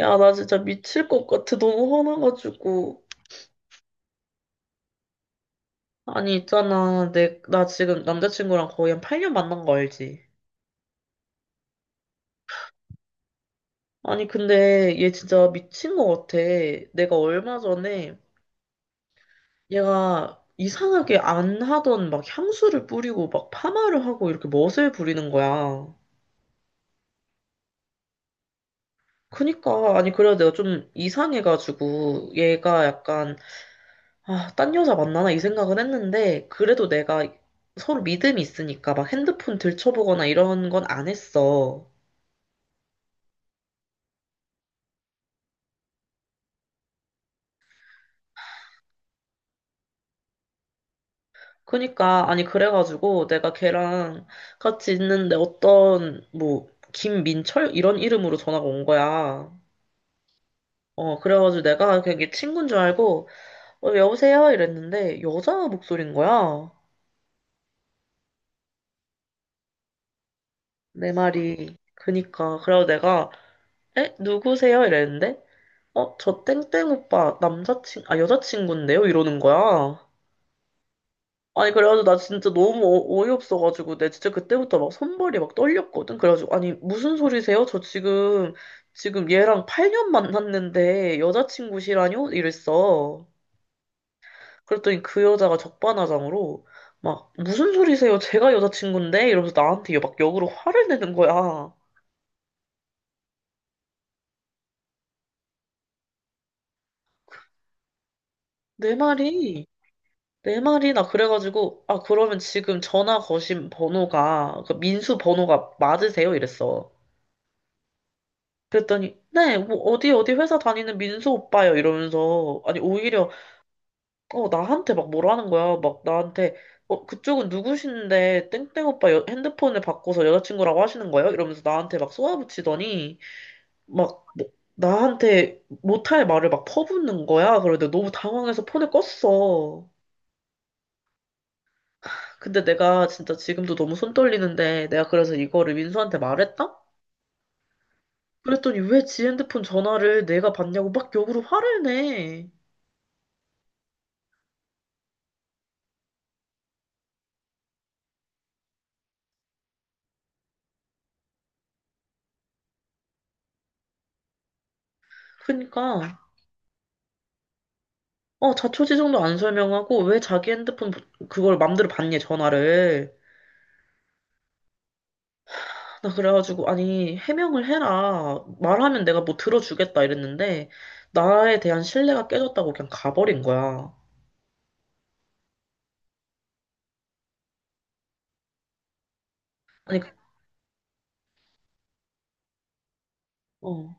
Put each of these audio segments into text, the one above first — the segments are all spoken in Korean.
야, 나 진짜 미칠 것 같아. 너무 화나가지고. 아니, 있잖아. 나 지금 남자친구랑 거의 한 8년 만난 거 알지? 아니, 근데 얘 진짜 미친 것 같아. 내가 얼마 전에 얘가 이상하게 안 하던 막 향수를 뿌리고 막 파마를 하고 이렇게 멋을 부리는 거야. 그니까, 아니, 그래도 내가 좀 이상해가지고 얘가 약간 아, 딴 여자 만나나 이 생각은 했는데, 그래도 내가 서로 믿음이 있으니까 막 핸드폰 들춰보거나 이런 건 안 했어. 그니까, 아니, 그래가지고 내가 걔랑 같이 있는데 어떤, 뭐, 김민철? 이런 이름으로 전화가 온 거야. 어, 그래가지고 내가 그냥 친구인 줄 알고, 어, 여보세요? 이랬는데, 여자 목소리인 거야. 내 말이. 그니까. 그래서 내가, 에? 누구세요? 이랬는데, 어, 저 땡땡 오빠 여자친구인데요? 이러는 거야. 아니, 그래가지고 나 진짜 너무 어이없어가지고, 내 진짜 그때부터 막 손발이 막 떨렸거든? 그래가지고, 아니, 무슨 소리세요? 지금 얘랑 8년 만났는데 여자친구시라뇨? 이랬어. 그랬더니 그 여자가 적반하장으로, 막, 무슨 소리세요? 제가 여자친구인데? 이러면서 나한테 막 역으로 화를 내는 거야. 내 말이. 네 마리나 그래가지고 아 그러면 지금 전화 거신 번호가 그 민수 번호가 맞으세요? 이랬어. 그랬더니 네 뭐 어디 어디 회사 다니는 민수 오빠요 이러면서 아니 오히려 어 나한테 막 뭐라는 거야 막 나한테 어 그쪽은 누구신데 땡땡 오빠 핸드폰을 바꿔서 여자친구라고 하시는 거예요? 이러면서 나한테 막 쏘아붙이더니 막 나한테 못할 말을 막 퍼붓는 거야. 그런데 너무 당황해서 폰을 껐어. 근데 내가 진짜 지금도 너무 손 떨리는데 내가 그래서 이거를 민수한테 말했다? 그랬더니 왜 지 핸드폰 전화를 내가 받냐고 막 역으로 화를 내. 그러니까 어 자초지종도 안 설명하고 왜 자기 핸드폰 그걸 맘대로 받냐 전화를. 나 그래가지고 아니 해명을 해라. 말하면 내가 뭐 들어주겠다 이랬는데 나에 대한 신뢰가 깨졌다고 그냥 가버린 거야. 아니, 어.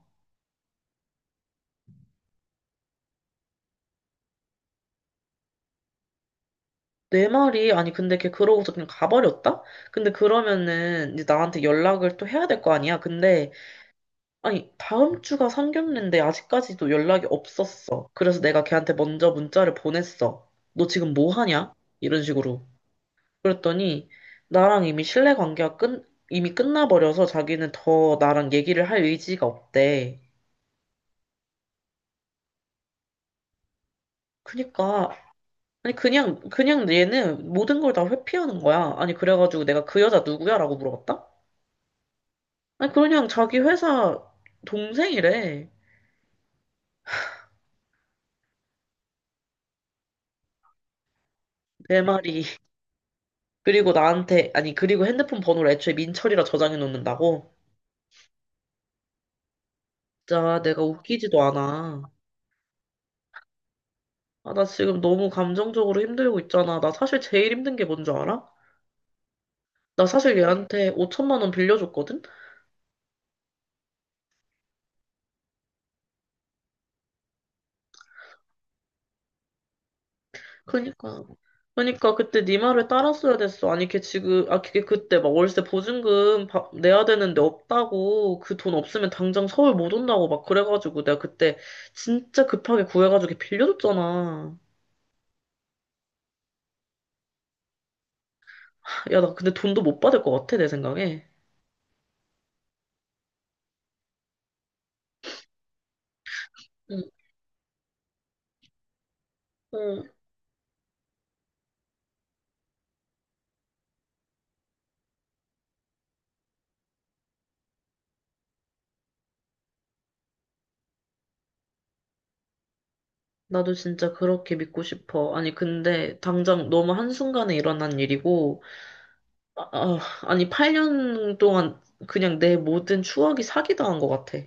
내 말이, 아니, 근데 걔 그러고서 그냥 가버렸다? 근데 그러면은 이제 나한테 연락을 또 해야 될 거 아니야? 근데, 아니, 다음 주가 상견례인데 아직까지도 연락이 없었어. 그래서 내가 걔한테 먼저 문자를 보냈어. 너 지금 뭐 하냐? 이런 식으로. 그랬더니, 나랑 이미 신뢰 관계가 이미 끝나버려서 자기는 더 나랑 얘기를 할 의지가 없대. 그니까, 아니, 그냥 얘는 모든 걸 다 회피하는 거야. 아니, 그래가지고 내가 그 여자 누구야? 라고 물어봤다? 아니, 그냥 자기 회사 동생이래. 네 마리. 그리고 나한테, 아니, 그리고 핸드폰 번호를 애초에 민철이라 저장해 놓는다고? 진짜 내가 웃기지도 않아. 아, 나 지금 너무 감정적으로 힘들고 있잖아. 나 사실 제일 힘든 게 뭔 줄 알아? 나 사실 얘한테 5천만 원 빌려줬거든? 그러니까 그러니까 그때 네 말을 따랐어야 됐어. 아니 걔 지금 아 걔 그때 막 월세 보증금 내야 되는데 없다고 그 돈 없으면 당장 서울 못 온다고 막 그래가지고 내가 그때 진짜 급하게 구해가지고 걔 빌려줬잖아. 야 나 근데 돈도 못 받을 것 같아 내 생각에. 응, 응. 나도 진짜 그렇게 믿고 싶어. 아니, 근데 당장 너무 한순간에 일어난 일이고, 아니, 8년 동안 그냥 내 모든 추억이 사기당한 것 같아.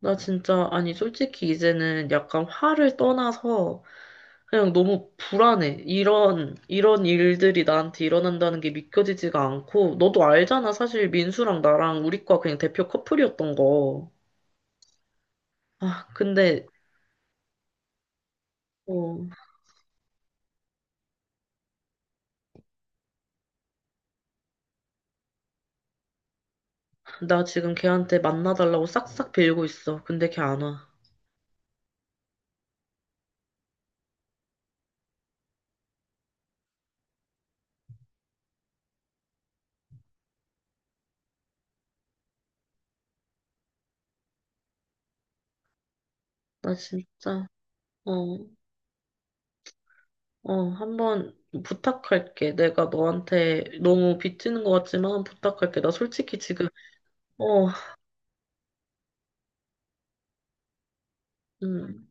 나 진짜, 아니, 솔직히 이제는 약간 화를 떠나서 그냥 너무 불안해. 이런 일들이 나한테 일어난다는 게 믿겨지지가 않고, 너도 알잖아. 사실 민수랑 나랑 우리 과 그냥 대표 커플이었던 거. 아, 근데, 어, 나 지금 걔한테 만나달라고 싹싹 빌고 있어. 근데 걔 안 와. 나 진짜, 어, 한번 부탁할게. 내가 너한테 너무 빚지는 것 같지만 부탁할게. 나 솔직히 지금, 어, 음.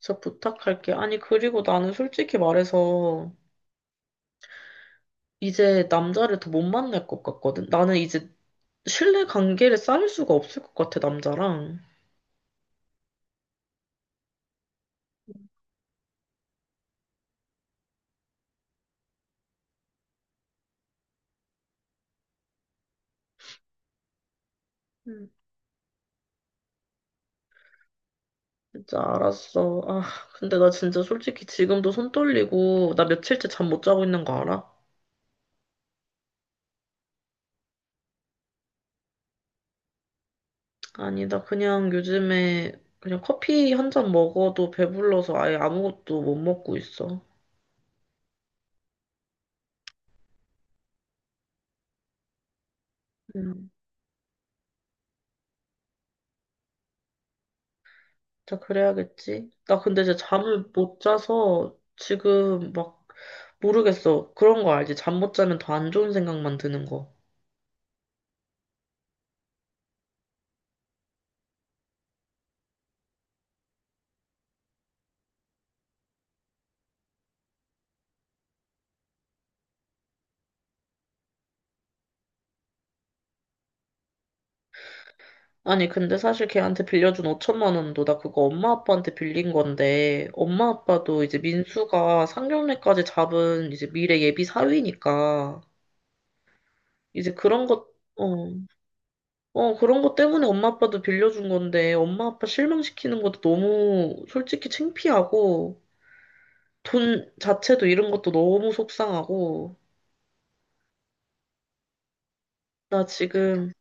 진짜 부탁할게. 아니, 그리고 나는 솔직히 말해서 이제 남자를 더 못 만날 것 같거든. 나는 이제 신뢰 관계를 쌓을 수가 없을 것 같아, 남자랑. 음. 진짜 알았어. 아, 근데 나 진짜 솔직히 지금도 손 떨리고, 나 며칠째 잠 못 자고 있는 거 알아? 아니, 나 그냥 요즘에 그냥 커피 한 잔 먹어도 배불러서 아예 아무것도 못 먹고 있어. 음. 자, 그래야겠지. 나 근데 이제 잠을 못 자서 지금 막 모르겠어. 그런 거 알지? 잠 못 자면 더 안 좋은 생각만 드는 거. 아니, 근데 사실 걔한테 빌려준 5천만 원도 나 그거 엄마 아빠한테 빌린 건데, 엄마 아빠도 이제 민수가 상견례까지 잡은 이제 미래 예비 사위니까, 이제 그런 것, 어, 그런 것 때문에 엄마 아빠도 빌려준 건데, 엄마 아빠 실망시키는 것도 너무 솔직히 창피하고, 돈 자체도 잃은 것도 너무 속상하고, 나 지금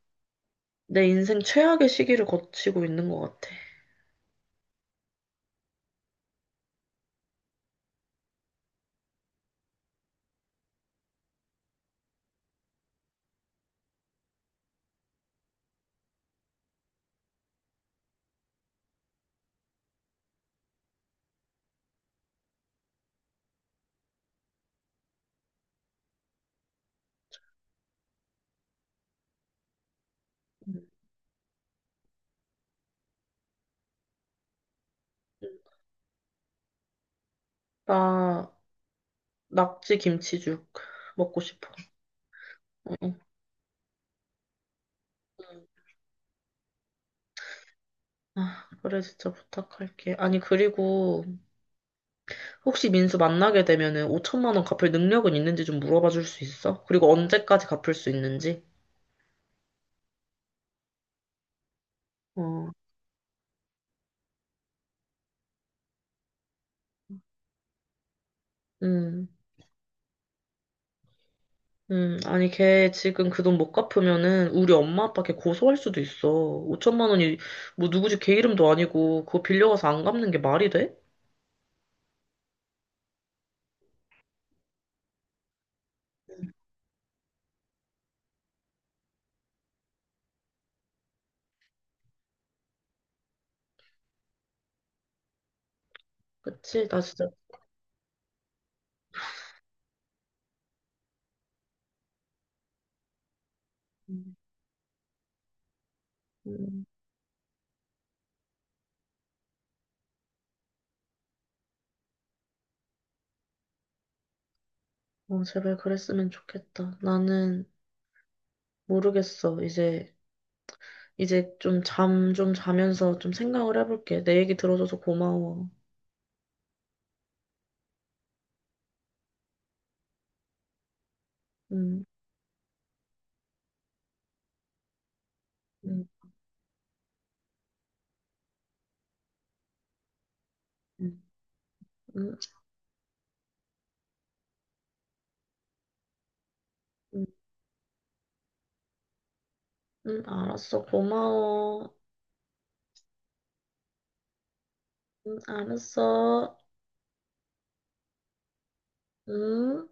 내 인생 최악의 시기를 거치고 있는 것 같아. 음. 나 낙지 김치죽 먹고 싶어. 응, 응. 아, 그래, 진짜 부탁할게. 아니, 그리고 혹시 민수 만나게 되면은 5천만 원 갚을 능력은 있는지 좀 물어봐 줄 수 있어? 그리고 언제까지 갚을 수 있는지? 어, 음. 아니, 걔 지금 그 돈 못 갚으면은 우리 엄마 아빠 걔 고소할 수도 있어. 5천만 원이 뭐 누구 집 걔 이름도 아니고 그거 빌려가서 안 갚는 게 말이 돼? 그치, 나 진짜. 음, 음, 어, 제발 그랬으면 좋겠다. 나는 모르겠어. 이제, 이제 좀 자면서 좀 생각을 해볼게. 내 얘기 들어줘서 고마워. 음, 음, 음, 음, 음, 알았어. 고마워. 알았어. 음.